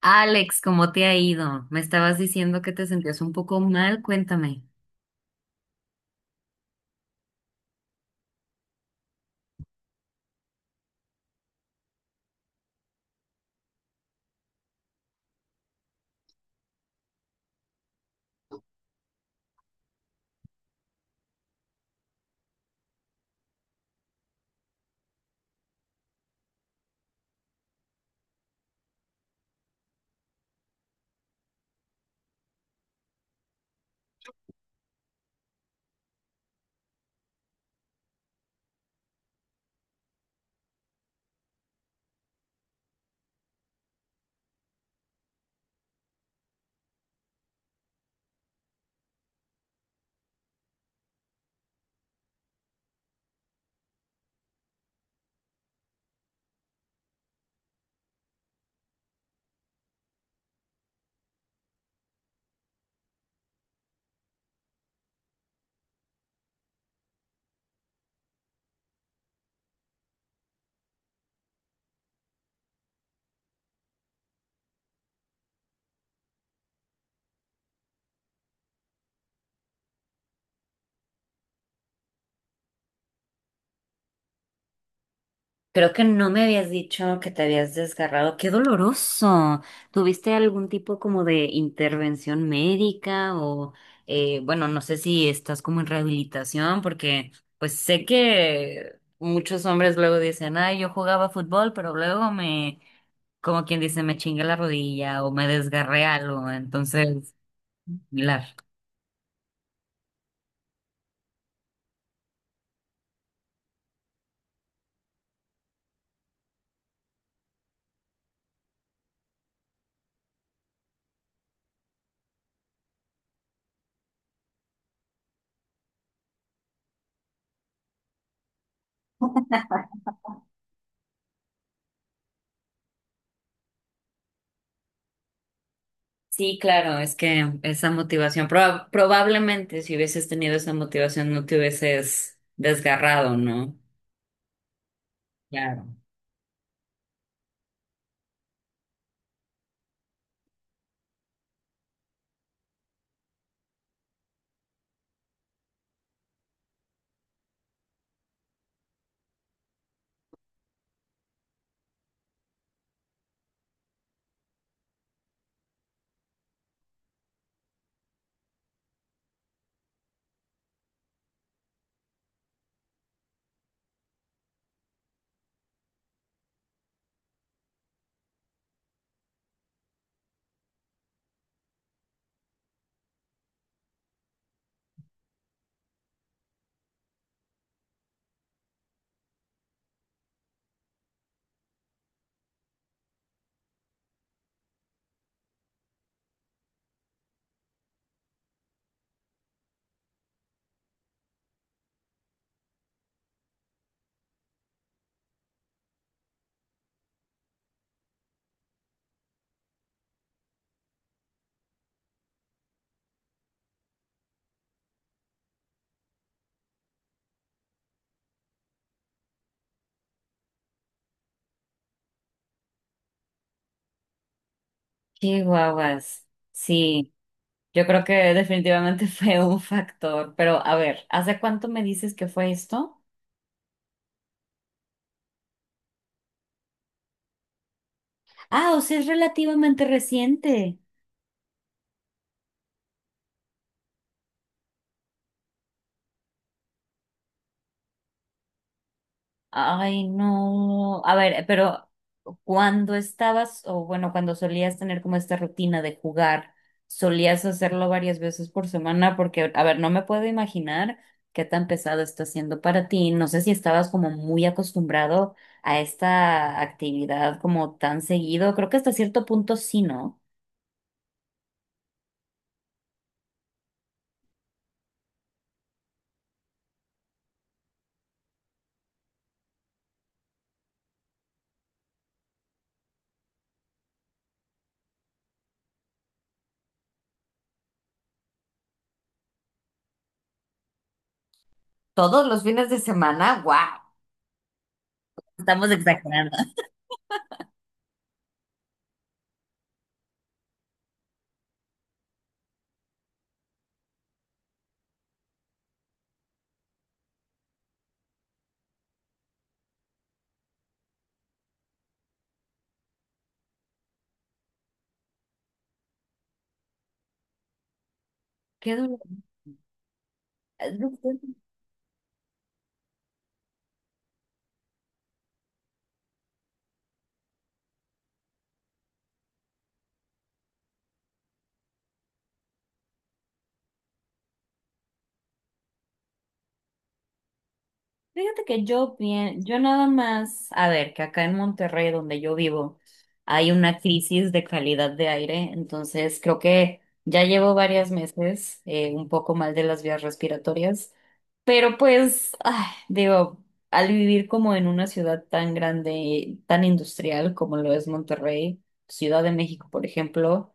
Alex, ¿cómo te ha ido? Me estabas diciendo que te sentías un poco mal, cuéntame. Creo que no me habías dicho que te habías desgarrado. ¡Qué doloroso! ¿Tuviste algún tipo como de intervención médica o, bueno, no sé si estás como en rehabilitación, porque pues sé que muchos hombres luego dicen, ay, yo jugaba fútbol, pero luego me, como quien dice, me chingué la rodilla o me desgarré algo. Entonces, similar. Sí, claro, es que esa motivación, probablemente si hubieses tenido esa motivación no te hubieses desgarrado, ¿no? Claro. Qué guaguas. Sí, yo creo que definitivamente fue un factor, pero a ver, ¿hace cuánto me dices que fue esto? Ah, o sea, es relativamente reciente. Ay, no. A ver, pero cuando estabas, o bueno, cuando solías tener como esta rutina de jugar, solías hacerlo varias veces por semana, porque, a ver, no me puedo imaginar qué tan pesado está siendo para ti. No sé si estabas como muy acostumbrado a esta actividad como tan seguido. Creo que hasta cierto punto sí, ¿no? Todos los fines de semana, wow. Estamos exagerando. Qué duro. Fíjate que yo bien, yo nada más, a ver, que acá en Monterrey, donde yo vivo, hay una crisis de calidad de aire, entonces creo que ya llevo varios meses un poco mal de las vías respiratorias, pero pues, ay, digo, al vivir como en una ciudad tan grande, tan industrial como lo es Monterrey, Ciudad de México, por ejemplo.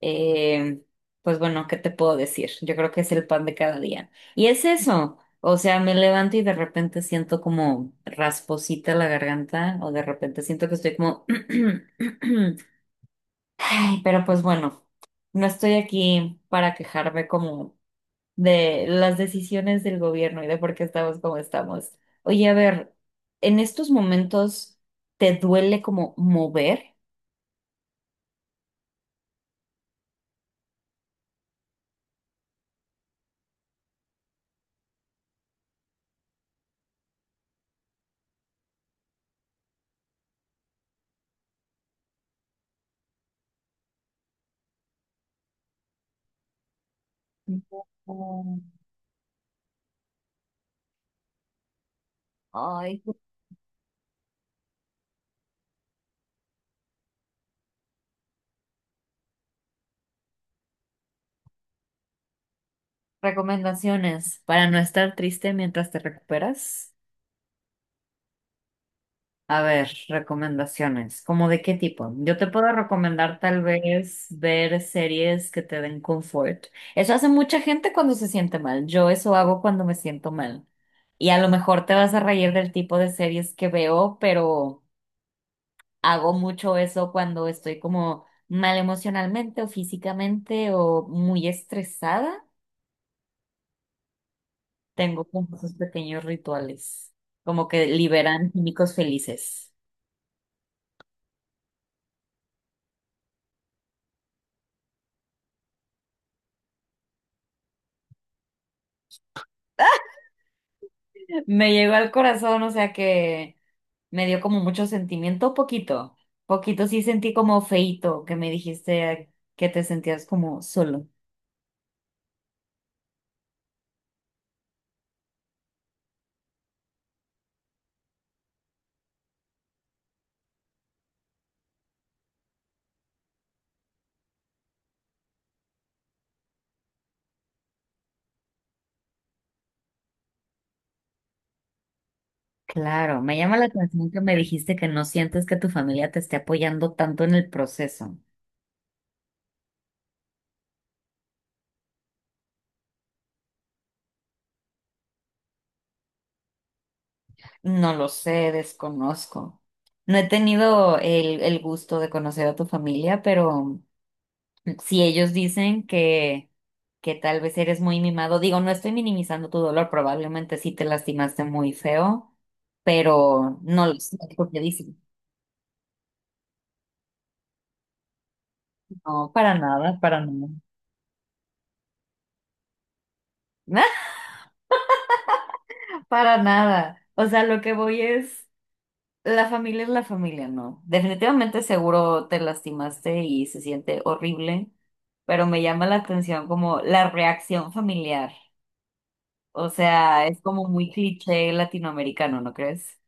Eh, pues bueno, ¿qué te puedo decir? Yo creo que es el pan de cada día. Y es eso. O sea, me levanto y de repente siento como rasposita la garganta o de repente siento que estoy como... Ay, pero pues bueno, no estoy aquí para quejarme como de las decisiones del gobierno y de por qué estamos como estamos. Oye, a ver, ¿en estos momentos te duele como mover? No. Ay, recomendaciones para no estar triste mientras te recuperas. A ver, recomendaciones. ¿Cómo de qué tipo? Yo te puedo recomendar tal vez ver series que te den confort. Eso hace mucha gente cuando se siente mal. Yo eso hago cuando me siento mal. Y a lo mejor te vas a reír del tipo de series que veo, pero hago mucho eso cuando estoy como mal emocionalmente o físicamente o muy estresada. Tengo como esos pequeños rituales, como que liberan químicos felices. Me llegó al corazón, o sea que me dio como mucho sentimiento, poquito. Poquito sí sentí como feito que me dijiste que te sentías como solo. Claro, me llama la atención que me dijiste que no sientes que tu familia te esté apoyando tanto en el proceso. No lo sé, desconozco. No he tenido el gusto de conocer a tu familia, pero si ellos dicen que tal vez eres muy mimado, digo, no estoy minimizando tu dolor, probablemente sí te lastimaste muy feo, pero no lo sé, porque dicen, no, para nada, para nada. O sea, lo que voy es la familia, no. Definitivamente seguro te lastimaste y se siente horrible, pero me llama la atención como la reacción familiar. O sea, es como muy cliché latinoamericano, ¿no crees?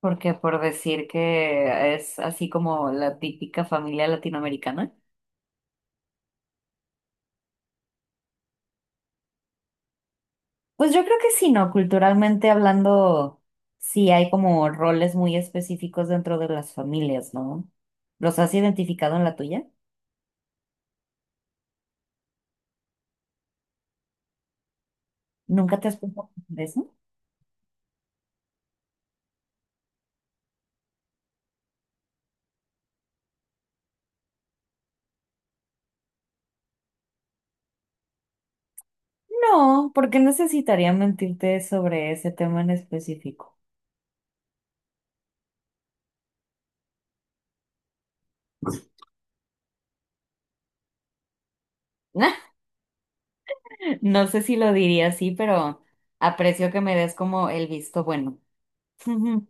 Porque por decir que es así como la típica familia latinoamericana. Pues yo creo que sí, ¿no? Culturalmente hablando, sí hay como roles muy específicos dentro de las familias, ¿no? ¿Los has identificado en la tuya? ¿Nunca te has puesto de eso? No, porque necesitaría mentirte sobre ese tema en específico. No sé si lo diría así, pero aprecio que me des como el visto bueno.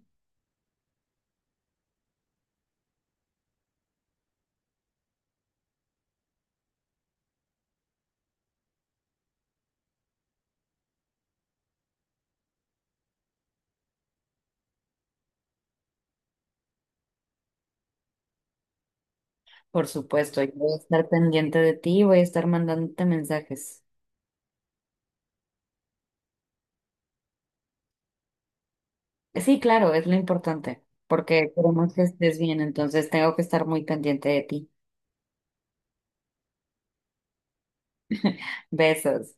Por supuesto, yo voy a estar pendiente de ti y voy a estar mandándote mensajes. Sí, claro, es lo importante, porque queremos que estés bien, entonces tengo que estar muy pendiente de ti. Besos.